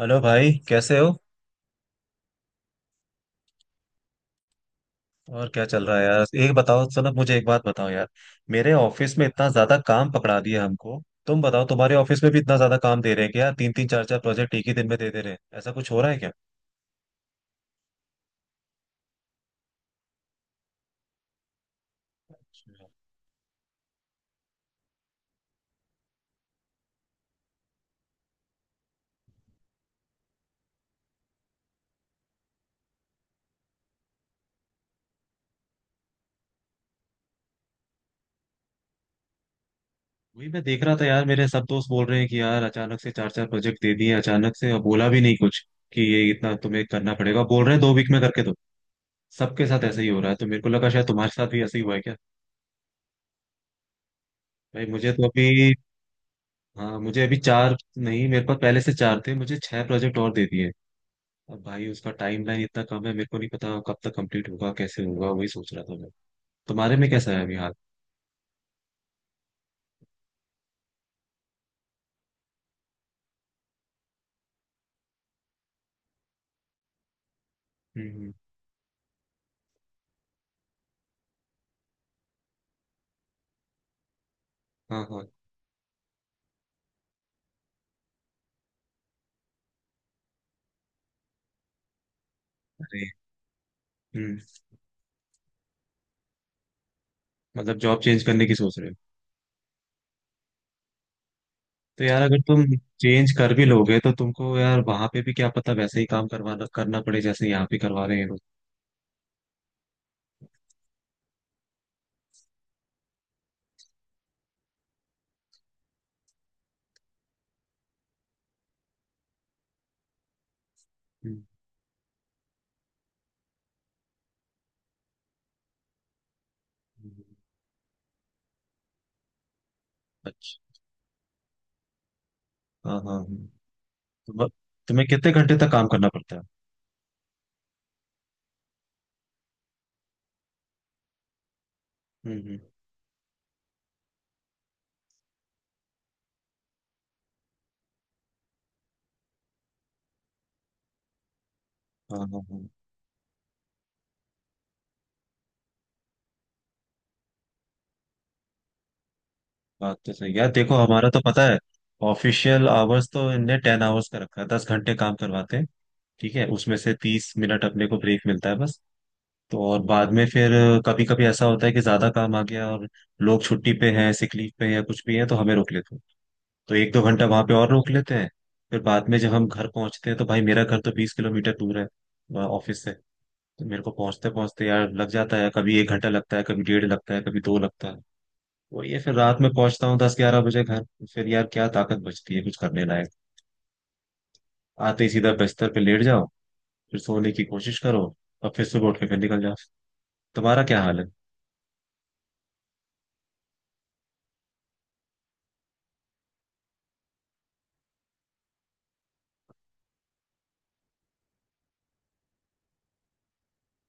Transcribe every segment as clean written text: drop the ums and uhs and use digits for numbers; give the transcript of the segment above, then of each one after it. Hello भाई, कैसे हो? और क्या चल रहा है यार। एक बताओ सनत, मुझे एक बात बताओ यार। मेरे ऑफिस में इतना ज्यादा काम पकड़ा दिया हमको। तुम बताओ, तुम्हारे ऑफिस में भी इतना ज्यादा काम दे रहे हैं क्या? तीन तीन चार चार प्रोजेक्ट एक ही दिन में दे दे रहे हैं, ऐसा कुछ हो रहा है क्या? अच्छा। वही मैं देख रहा था यार, मेरे सब दोस्त बोल रहे हैं कि यार अचानक से चार चार प्रोजेक्ट दे दिए, अचानक से, और बोला भी नहीं कुछ कि ये इतना तुम्हें करना पड़ेगा। बोल रहे हैं 2 वीक में करके दो। सबके साथ ऐसे ही हो रहा है, तो मेरे को लगा शायद तुम्हारे साथ भी ऐसे ही हुआ है क्या। भाई मुझे तो अभी, हाँ मुझे अभी चार नहीं, मेरे पास पहले से चार थे, मुझे छह प्रोजेक्ट और दे दिए। अब भाई उसका टाइम लाइन इतना कम है, मेरे को नहीं पता कब तक कंप्लीट होगा कैसे होगा। वही सोच रहा था मैं। तुम्हारे में कैसा है अभी हाल? हम्म। हाँ हाँ। अरे। हम्म, मतलब जॉब चेंज करने की सोच रहे हो? तो यार अगर तुम चेंज कर भी लोगे तो तुमको यार वहां पे भी क्या पता, वैसे ही काम करवाना करना पड़े जैसे यहाँ पे करवा रहे हैं लोग। हम्म, हम्म, अच्छा। हाँ हाँ, तो ब- तुम्हें कितने घंटे तक काम करना पड़ता है? हम्म। हाँ हाँ हाँ, बात तो सही यार। देखो हमारा तो पता है, ऑफिशियल आवर्स तो इनने 10 आवर्स का रखा है, 10 घंटे काम करवाते हैं। ठीक है, उसमें से 30 मिनट अपने को ब्रेक मिलता है बस। तो और बाद में फिर कभी कभी ऐसा होता है कि ज्यादा काम आ गया और लोग छुट्टी पे हैं, सिक लीव पे हैं या कुछ भी है, तो हमें रोक लेते हैं। तो एक दो घंटा वहां पे और रोक लेते हैं। फिर बाद में जब हम घर पहुंचते हैं, तो भाई मेरा घर तो 20 किलोमीटर दूर है वहाँ ऑफिस से। तो मेरे को पहुंचते पहुंचते यार लग जाता है, कभी एक घंटा लगता है, कभी डेढ़ लगता है, कभी दो लगता है। वही है, फिर रात में पहुंचता हूँ दस ग्यारह बजे घर। फिर यार क्या ताकत बचती है कुछ करने लायक? आते ही सीधा बिस्तर पे लेट जाओ, फिर सोने की कोशिश करो, और फिर सुबह उठ के फिर निकल जाओ। तुम्हारा क्या हाल है?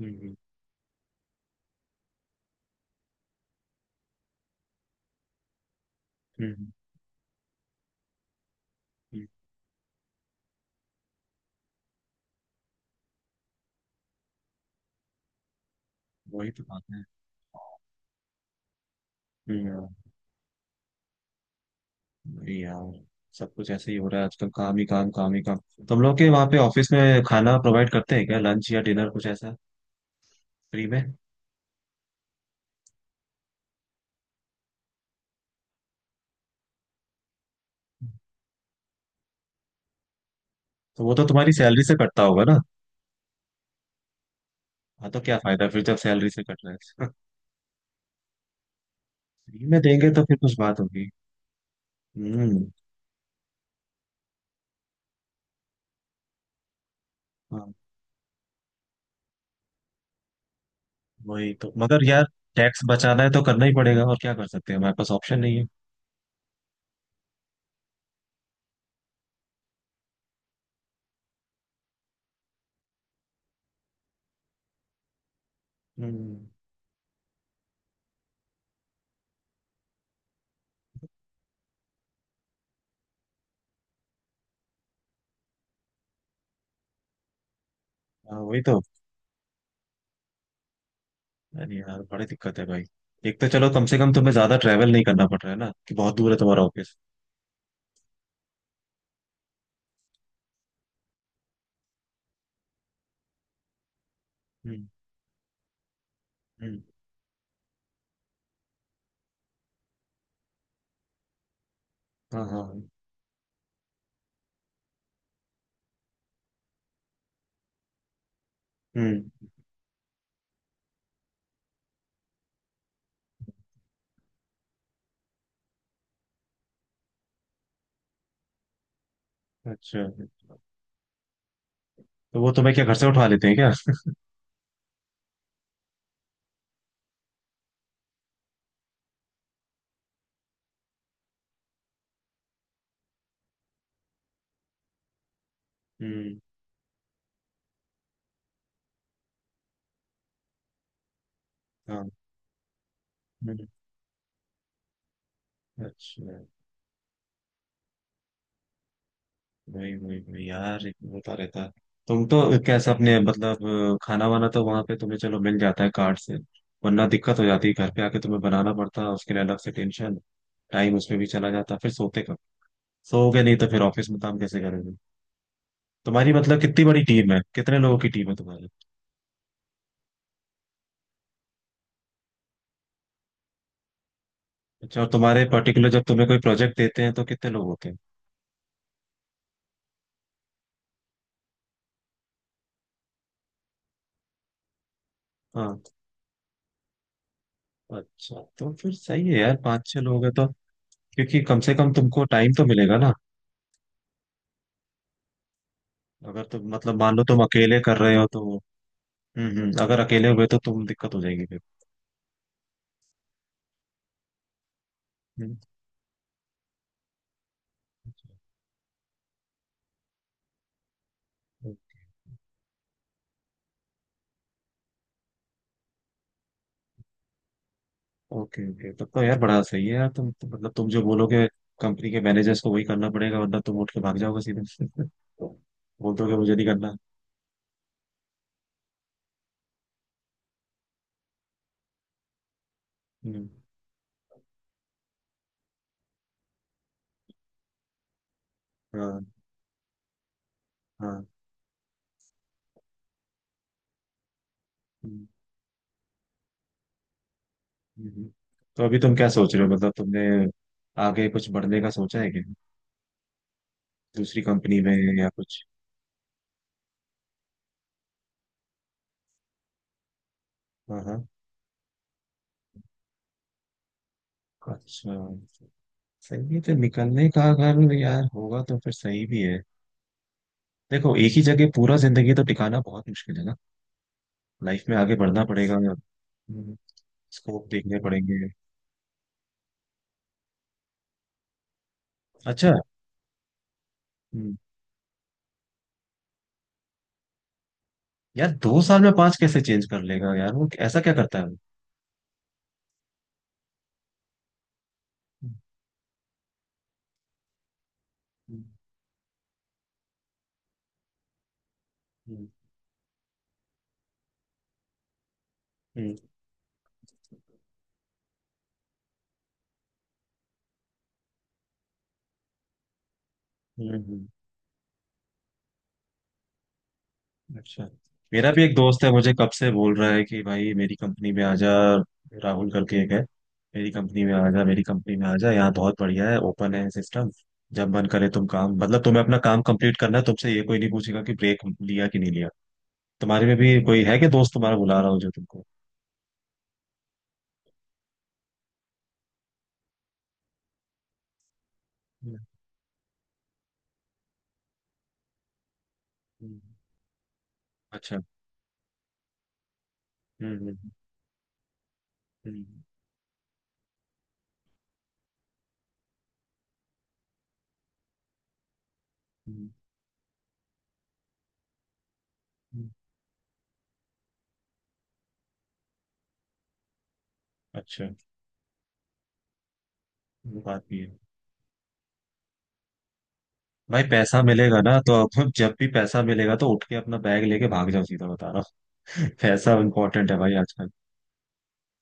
हम्म। हम्म, हम्म, वही तो बात है। हम्म, वही यार। सब कुछ ऐसे ही हो रहा है आजकल, काम ही काम काम ही काम। तुम लोग के वहाँ पे ऑफिस में खाना प्रोवाइड करते हैं क्या, लंच या डिनर कुछ ऐसा, फ्री में? तो वो तो तुम्हारी सैलरी से कटता होगा ना। हाँ तो क्या फायदा फिर जब सैलरी से कट रहा है। फ्री में देंगे तो फिर कुछ बात होगी। हम्म। वही तो मगर यार, टैक्स बचाना है तो करना ही पड़ेगा, और क्या कर सकते हैं, हमारे पास ऑप्शन नहीं है। हम्म। हाँ वही तो। अरे यार बड़ी दिक्कत है भाई। एक तो चलो कम से कम तुम्हें ज्यादा ट्रैवल नहीं करना पड़ रहा है ना, कि बहुत दूर है तुम्हारा ऑफिस। हम्म हम्म। हाँ हाँ हाँ, हम्म। अच्छा, तो वो तुम्हें क्या घर से उठवा लेते हैं क्या? हम्म। हाँ। हम्म, अच्छा। वही वही वही यार, एक होता रहता है। तुम तो कैसे अपने मतलब खाना वाना तो वहां पे तुम्हें चलो मिल जाता है कार्ड से, वरना दिक्कत हो जाती है। घर पे आके तुम्हें बनाना पड़ता है, उसके लिए अलग से टेंशन, टाइम उसमें भी चला जाता, फिर सोते कब? सोओगे नहीं तो फिर ऑफिस में काम कैसे करोगे? तुम्हारी मतलब कितनी बड़ी टीम है, कितने लोगों की टीम है तुम्हारी? अच्छा, और तुम्हारे पर्टिकुलर जब तुम्हें कोई प्रोजेक्ट देते हैं तो कितने लोग होते हैं? हाँ। अच्छा तो फिर सही है यार, पाँच छह लोग हैं तो, क्योंकि कम से कम तुमको टाइम तो मिलेगा ना। अगर तुम मतलब मान लो तुम अकेले कर रहे हो तो, अगर अकेले हुए तो तुम दिक्कत हो जाएगी फिर। हम्म, ओके ओके। तब तो यार बड़ा सही है यार। तुम मतलब तुम जो बोलोगे, कंपनी के मैनेजर्स को वही करना पड़ेगा, वरना तुम उठ के भाग जाओगे सीधे। बोल दोगे मुझे नहीं करना। हम्म, हाँ हाँ। हम्म, हम्म। तो अभी तुम क्या सोच रहे हो, मतलब तुमने आगे कुछ बढ़ने का सोचा है क्या, दूसरी कंपनी में या कुछ? हाँ हाँ, अच्छा, सही है। तो निकलने का अगर यार होगा तो फिर सही भी है। देखो एक ही जगह पूरा जिंदगी तो टिकाना बहुत मुश्किल है ना, लाइफ में आगे बढ़ना पड़ेगा, स्कोप देखने पड़ेंगे। अच्छा। हम्म, यार 2 साल में पांच कैसे चेंज कर लेगा यार? वो ऐसा क्या करता है वो? हम्म, हम्म, हम्म, हम्म, हम्म, अच्छा। मेरा भी एक दोस्त है, मुझे कब से बोल रहा है कि भाई मेरी कंपनी में आ जा, राहुल करके एक है। मेरी कंपनी में आ जा, मेरी कंपनी में आ जा, यहाँ बहुत बढ़िया है, ओपन है सिस्टम। जब मन करे तुम काम, मतलब तुम्हें अपना काम कंप्लीट करना है, तुमसे ये कोई नहीं पूछेगा कि ब्रेक लिया कि नहीं लिया। तुम्हारे में भी कोई है क्या दोस्त तुम्हारा बुला रहा हो जो तुमको? हम्म, हम्म। अच्छा। हम्म हम्म, हम्म, हम्म, हम्म, अच्छा। वो बात भी है। भाई पैसा मिलेगा ना तो अब, जब भी पैसा मिलेगा तो उठ के अपना बैग लेके भाग जाओ सीधा, बता रहा हूँ। पैसा इंपॉर्टेंट है भाई आजकल।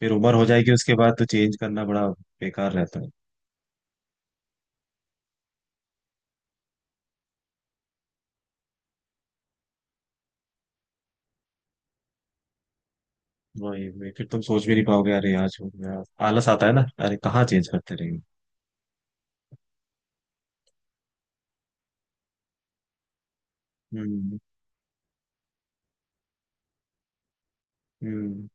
फिर उम्र हो जाएगी, उसके बाद तो चेंज करना बड़ा बेकार रहता है। वही वही, फिर तुम सोच भी नहीं पाओगे, अरे आज हो गया, आलस आता है ना, अरे कहाँ चेंज करते रहेंगे। हम्म हम्म,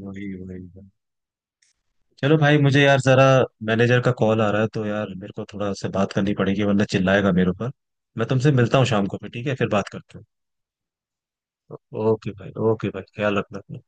वही वही। चलो भाई, मुझे यार जरा मैनेजर का कॉल आ रहा है तो यार मेरे को थोड़ा उससे बात करनी पड़ेगी, वरना चिल्लाएगा मेरे ऊपर। मैं तुमसे मिलता हूँ शाम को फिर, ठीक है, फिर बात करते हैं। ओ- ओके भाई, ओके भाई, ख्याल रखना अपना।